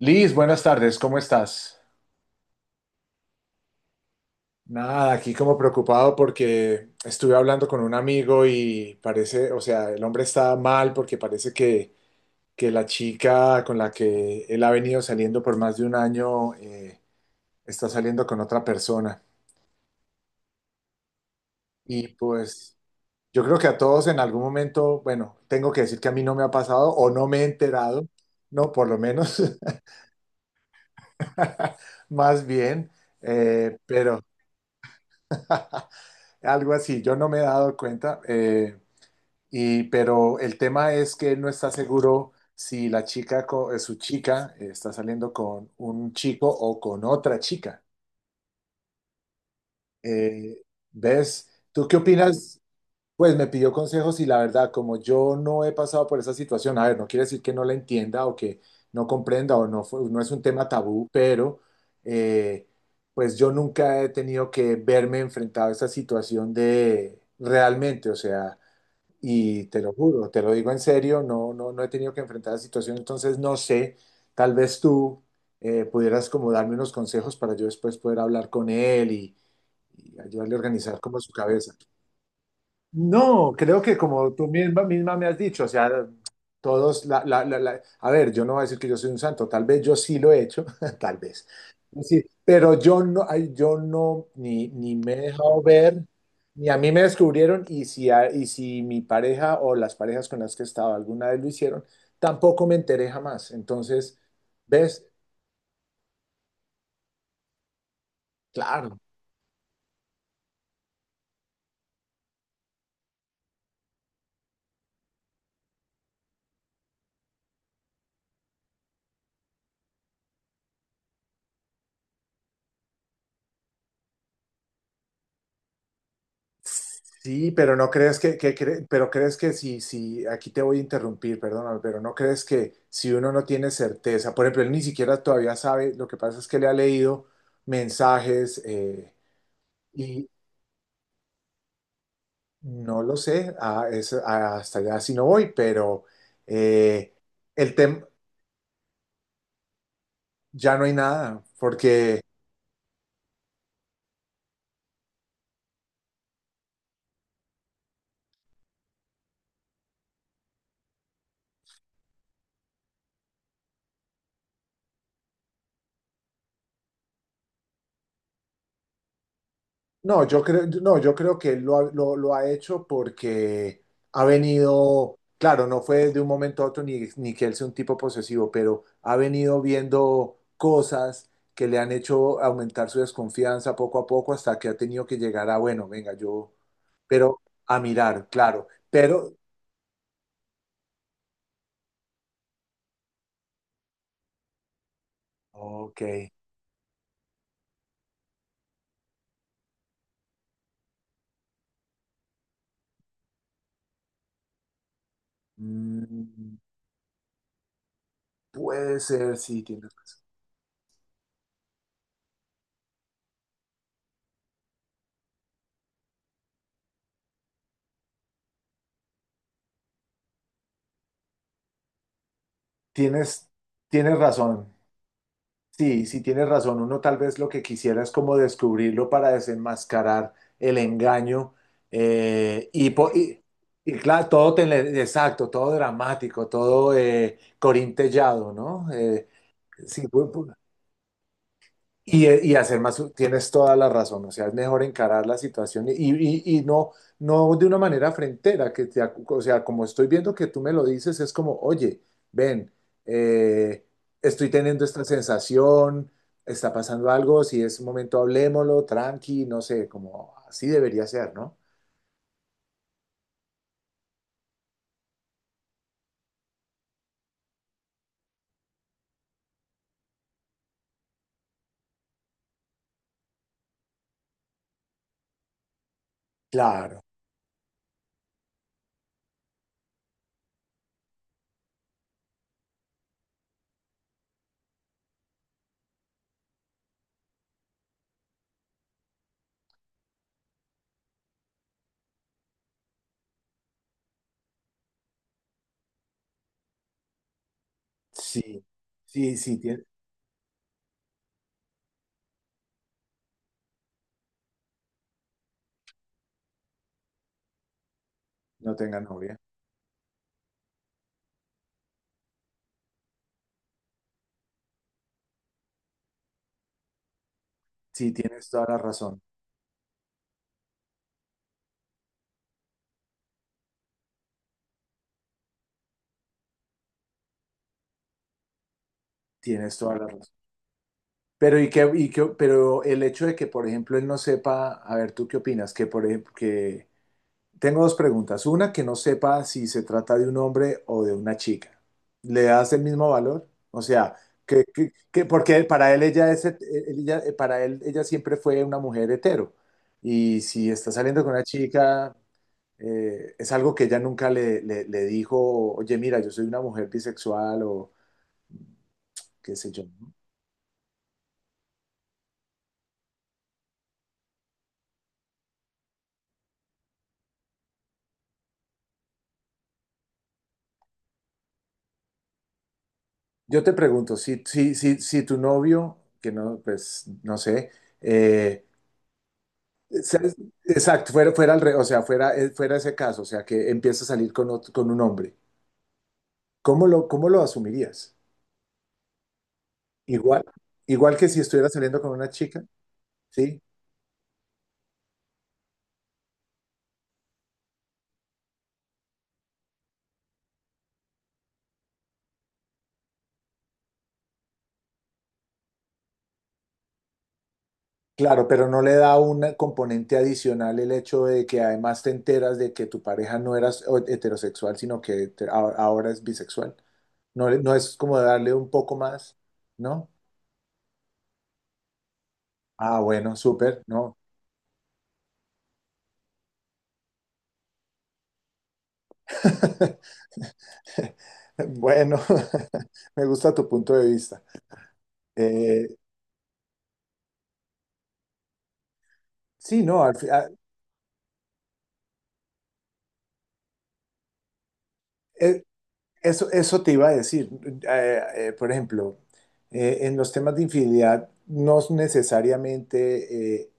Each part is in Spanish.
Liz, buenas tardes, ¿cómo estás? Nada, aquí como preocupado porque estuve hablando con un amigo y parece, o sea, el hombre está mal porque parece que la chica con la que él ha venido saliendo por más de un año, está saliendo con otra persona. Y pues yo creo que a todos en algún momento, bueno, tengo que decir que a mí no me ha pasado o no me he enterado, no, por lo menos. Más bien, pero... Algo así, yo no me he dado cuenta. Pero el tema es que él no está seguro si su chica, está saliendo con un chico o con otra chica. Eh, ¿Ves? ¿Tú qué opinas? Pues me pidió consejos y la verdad, como yo no he pasado por esa situación, a ver, no quiere decir que no la entienda o que no comprenda o no, no es un tema tabú. Pero eh, pues yo nunca he tenido que verme enfrentado a esa situación de realmente, o sea. Y te lo juro, te lo digo en serio, no, no, no he tenido que enfrentar la situación. Entonces no sé, tal vez tú pudieras como darme unos consejos para yo después poder hablar con él y ayudarle a organizar como su cabeza. No, creo que como tú misma me has dicho, o sea, todos, a ver, yo no voy a decir que yo soy un santo, tal vez yo sí lo he hecho, tal vez, sí. Pero yo no, ni me he dejado ver, ni a mí me descubrieron. Y si, y si mi pareja o las parejas con las que he estado alguna vez lo hicieron, tampoco me enteré jamás. Entonces, ¿ves? Claro. Sí, pero no crees que, pero crees que si, aquí te voy a interrumpir, perdóname, pero no crees que si uno no tiene certeza, por ejemplo, él ni siquiera todavía sabe, lo que pasa es que le ha leído mensajes, y no lo sé. Hasta allá sí no voy. Pero eh, el tema, ya no hay nada. No, yo creo que él lo ha hecho porque ha venido, claro, no fue de un momento a otro, ni que él sea un tipo posesivo, pero ha venido viendo cosas que le han hecho aumentar su desconfianza poco a poco hasta que ha tenido que llegar a, bueno, venga, yo... Pero a mirar, claro. Pero, ok, mm, puede ser, sí, tienes razón. Tienes, tienes razón. Sí, sí tienes razón. Uno tal vez lo que quisiera es como descubrirlo para desenmascarar el engaño, eh, y, po- y- claro, todo exacto, todo dramático, todo corintellado, ¿no? Sí. Hacer más, tienes toda la razón, o sea, es mejor encarar la situación, y no, no de una manera frentera, o sea, como estoy viendo que tú me lo dices, es como, oye, ven, eh, estoy teniendo esta sensación, está pasando algo, si es momento hablémoslo, tranqui, no sé, como así debería ser, ¿no? Claro, sí, sí, sí. No tenga novia. Sí, tienes toda la razón, tienes toda la razón. Pero, pero el hecho de que, por ejemplo, él no sepa, a ver, ¿tú qué opinas? Que, por ejemplo, que tengo dos preguntas. Una, que no sepa si se trata de un hombre o de una chica. ¿Le das el mismo valor? O sea, porque para él ella es, para él ella siempre fue una mujer hetero. Y si está saliendo con una chica, es algo que ella nunca le dijo, oye, mira, yo soy una mujer bisexual o qué sé yo. Yo te pregunto, si tu novio, que no, pues, no sé, eh, ¿sabes? Exacto, fuera ese caso, o sea, que empieza a salir con un hombre, ¿cómo lo asumirías? Igual, igual que si estuviera saliendo con una chica, ¿sí? Claro, pero no le da un componente adicional el hecho de que además te enteras de que tu pareja no era heterosexual, sino que ahora es bisexual. No, no es como darle un poco más, ¿no? Ah, bueno, súper, ¿no? Bueno. Me gusta tu punto de vista. Eh, sí, no, eh, eso te iba a decir. Por ejemplo, en los temas de infidelidad, no es necesariamente,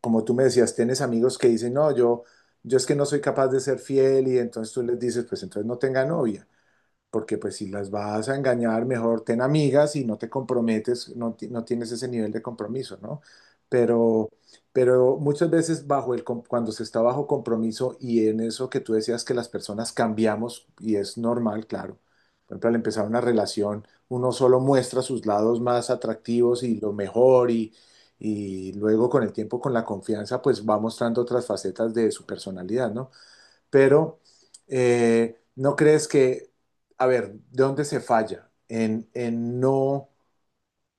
como tú me decías, tienes amigos que dicen, no, yo es que no soy capaz de ser fiel y entonces tú les dices, pues entonces no tenga novia. Porque pues si las vas a engañar, mejor ten amigas y no te comprometes, no, no tienes ese nivel de compromiso, ¿no? Pero, pero muchas veces bajo cuando se está bajo compromiso y en eso que tú decías que las personas cambiamos, y es normal, claro. Por ejemplo, al empezar una relación, uno solo muestra sus lados más atractivos y lo mejor, y luego con el tiempo, con la confianza, pues va mostrando otras facetas de su personalidad, ¿no? Pero ¿no crees que, a ver, ¿de dónde se falla? En no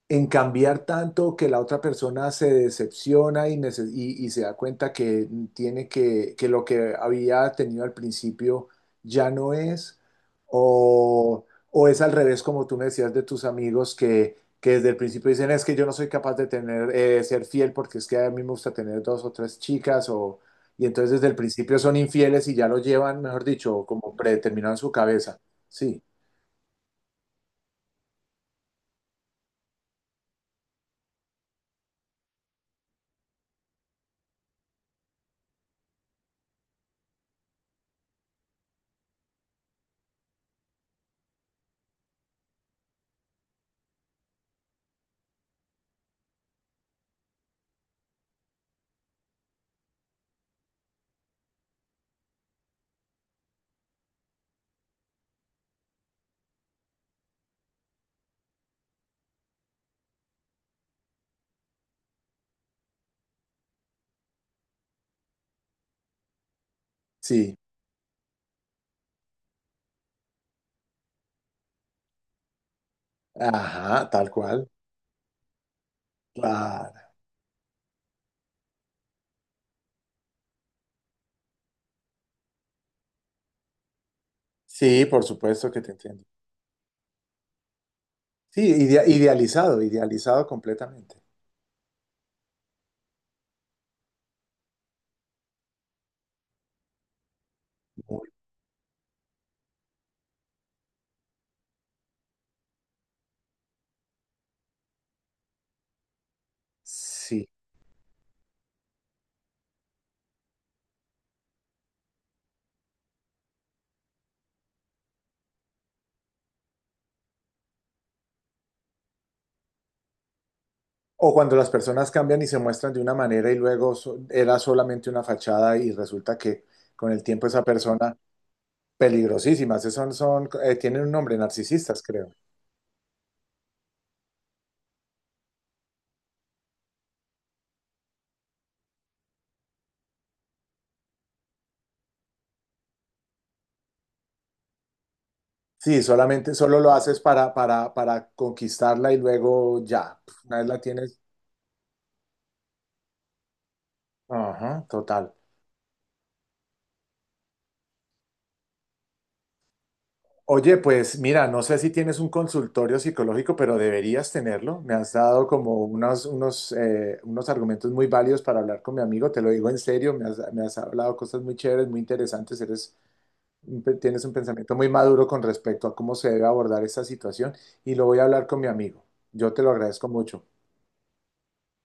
en cambiar tanto que la otra persona se decepciona, y se da cuenta que tiene que lo que había tenido al principio ya no es, o, o es al revés, como tú me decías de tus amigos que desde el principio dicen, es que yo no soy capaz de tener, ser fiel porque es que a mí me gusta tener dos o tres chicas, o, y entonces desde el principio son infieles y ya lo llevan, mejor dicho, como predeterminado en su cabeza. Sí, sí, ajá, tal cual. Claro. Sí, por supuesto que te entiendo. Sí, idealizado, idealizado completamente. Muy- Sí. O cuando las personas cambian y se muestran de una manera y luego era solamente una fachada y resulta que con el tiempo esa persona peligrosísimas, esos son, tienen un nombre, narcisistas, creo. Sí, solo lo haces para conquistarla y luego ya, una vez la tienes. Ajá, total. Oye, pues mira, no sé si tienes un consultorio psicológico, pero deberías tenerlo. Me has dado como unos argumentos muy válidos para hablar con mi amigo, te lo digo en serio, me has hablado cosas muy chéveres, muy interesantes, tienes un pensamiento muy maduro con respecto a cómo se debe abordar esta situación y lo voy a hablar con mi amigo. Yo te lo agradezco mucho.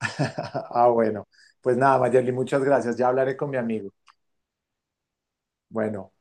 Ah, bueno, pues nada, Mayerly, muchas gracias, ya hablaré con mi amigo. Bueno.